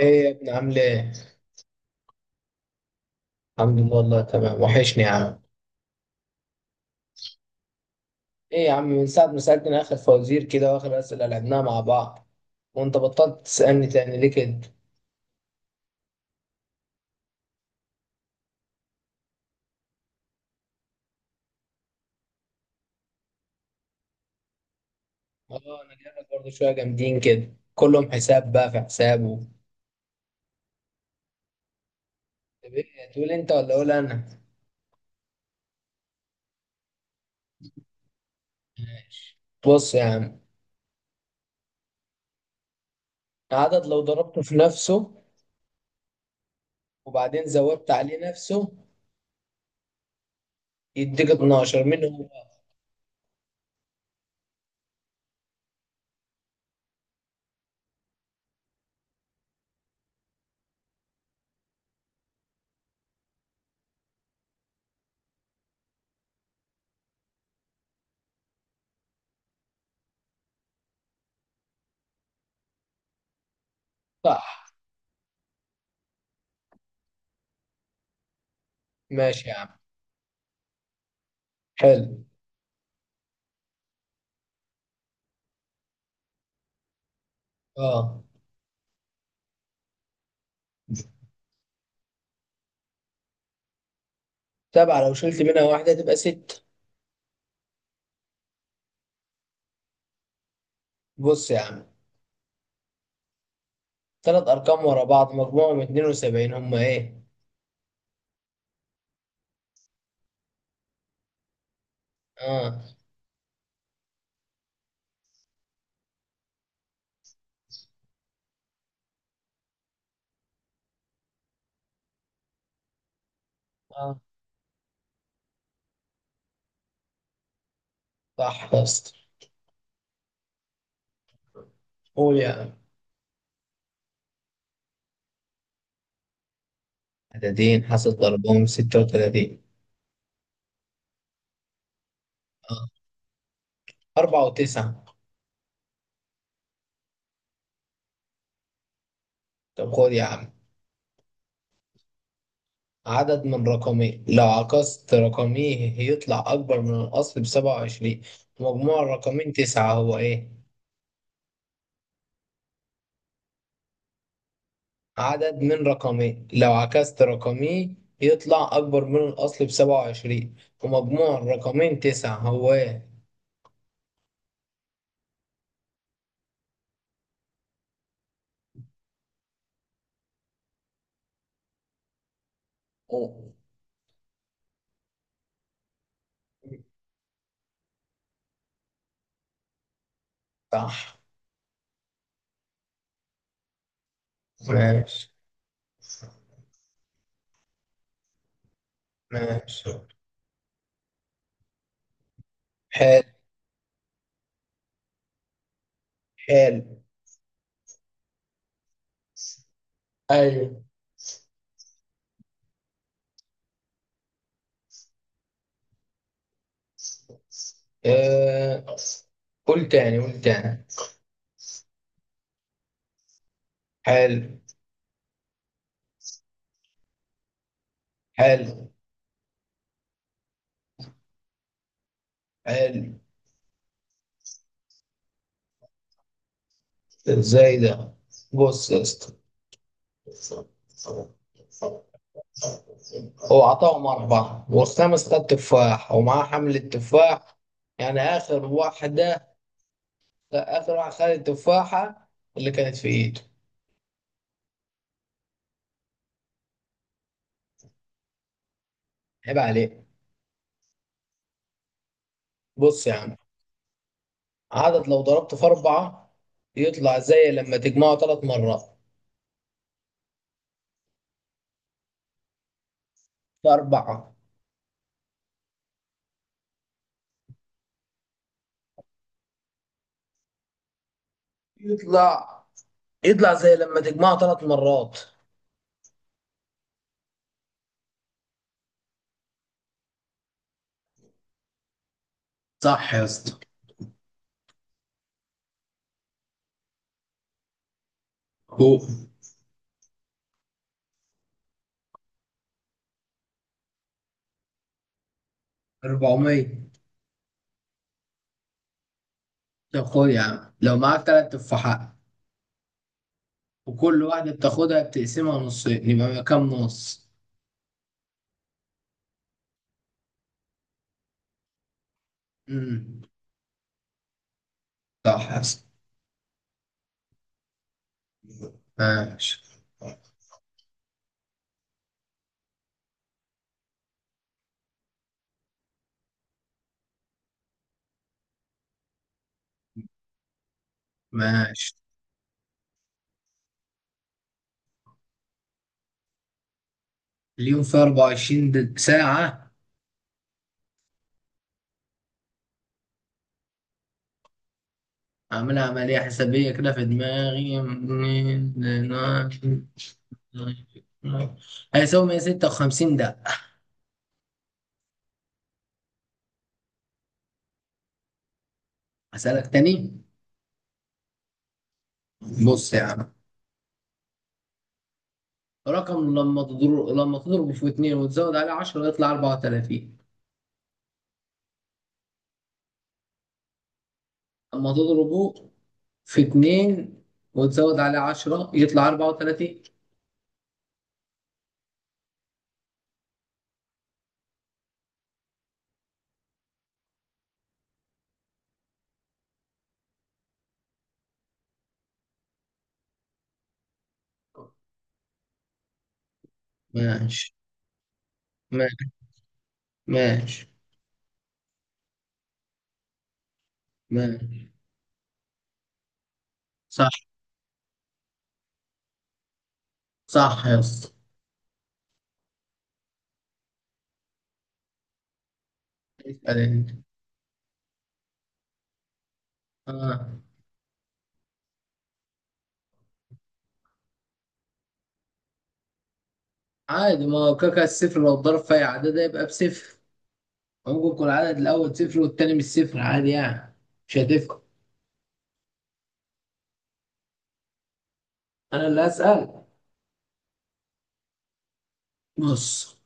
ايه يا ابني عامل ايه؟ الحمد لله والله تمام، وحشني يا عم. ايه يا عم، من ساعة ما سألتني اخر فوازير كده واخر اسئلة لعبناها مع بعض وانت بطلت تسألني تاني ليه كده؟ اه، انا جايلك برضه شوية جامدين كده، كلهم حساب بقى في حسابه. طب ايه تقول انت ولا اقول انا؟ ماشي. بص يا عم، عدد لو ضربته في نفسه وبعدين زودت عليه نفسه يديك 12، مين هو؟ صح. ماشي يا عم. حلو. اه، سبعة لو شلت منها واحدة تبقى ستة. بص يا عم، ثلاث ارقام ورا بعض مجموعهم 72، هم ايه؟ اه اه. صح يا اسطى. قول يا عم. عددين حاسس ضربهم 36. اه، أربعة وتسعة. طب خد يا عم، عدد من رقمين لو عكست رقميه يطلع أكبر من الأصل بـ27، مجموع الرقمين تسعة، هو إيه؟ عدد من رقمين لو عكست رقميه يطلع أكبر من الأصل بسبعة وعشرين ومجموع الرقمين تسعة، هو إيه؟ أوه. صح. ماشي. ماشي. حال. حال. ايوه. آه. قول تاني قول تاني. حال. حال. حال. ازاي ده. بص يا اسطى، هو عطاهم أربعة والخامس خد تفاح ومعاه حمل التفاح. يعني آخر واحدة، آخر واحد خد التفاحة اللي كانت في إيده. عيب عليك. بص يا عم، عدد لو ضربته في أربعة يطلع زي لما تجمعه ثلاث مرات. في أربعة. يطلع يطلع زي لما تجمعه ثلاث مرات. صح يا اسطى. هو. 400. طب خد يا عم، لو معاك تلات تفاحات وكل واحدة بتاخدها بتقسمها نصين، يبقى كام نص؟ امم. صح يا اسطى. ماشي. ماشي. اليوم فيه 24 ساعة. عامل عملية حسابية كده في دماغي، هيساوي 156 دقة. هسألك تاني. بص يا عم، رقم لما تضربه في اتنين وتزود عليه 10 يطلع 34. لما تضربه في اتنين وتزود عليه عشرة يطلع أربعة وتلاتين. ماشي. ماشي. ماشي. ماشي. صح. صح يا اسطى. اسأل انت. آه. عادي، ما هو كاكا الصفر لو اتضرب في أي عدد هيبقى بصفر. ممكن يكون العدد الأول صفر والتاني مش صفر، عادي يعني. مش هتفرق. أنا اللي هسأل. بص،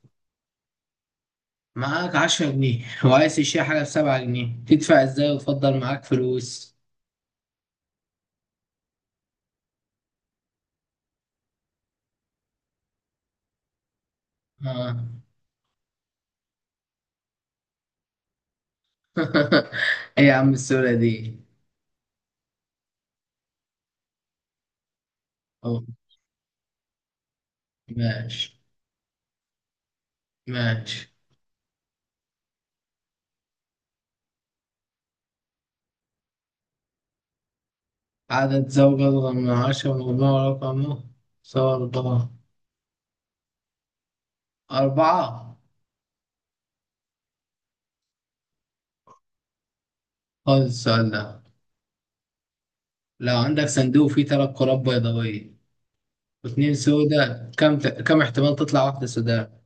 معاك 10 جنيه وعايز تشتري حاجة بـ7 جنيه، تدفع ازاي وتفضل معاك فلوس؟ آه. ايه يا عم السهولة دي. أوه. ماشي. ماشي. عدد زوجة أصغر من 10، مجموع رقمه صور أربعة. أربعة. خد السؤال ده. لو عندك صندوق فيه تلات كرات بيضاوية واتنين سودا، كم احتمال تطلع واحدة سوداء؟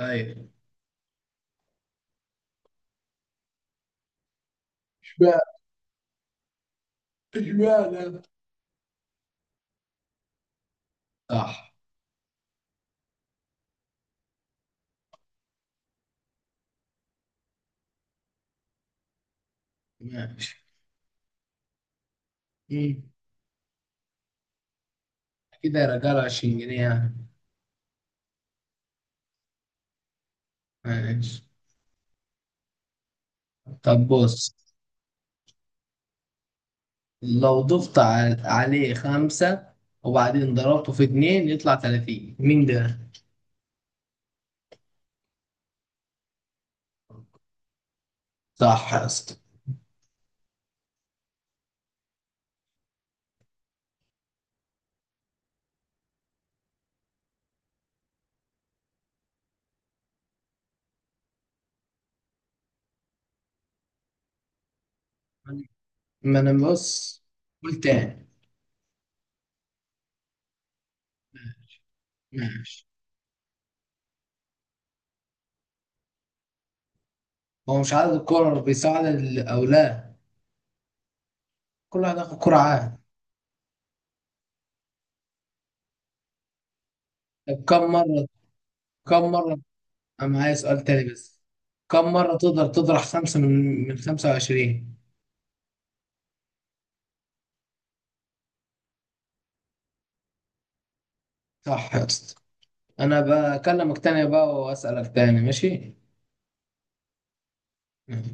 أيوة. اشمعنى. اشمعنى. صح. ماشي. مم. كده يا رجالة، 20 جنيه يعني. ماشي. طب بص، لو ضفت عليه خمسة وبعدين ضربته في اتنين يطلع 30، مين ده؟ صح يا اسطى. ما انا بص. قول تاني. ماشي. هو مش عدد الكرة بيساعد او لا. كل واحد ياخد كرة عادي. طب كم مرة. كم مرة. انا معايا سؤال تاني بس. كم مرة تقدر تطرح خمسة من 25. صح يا اسطى. انا بكلمك تاني بقى واسألك تاني، ماشي. ماشي.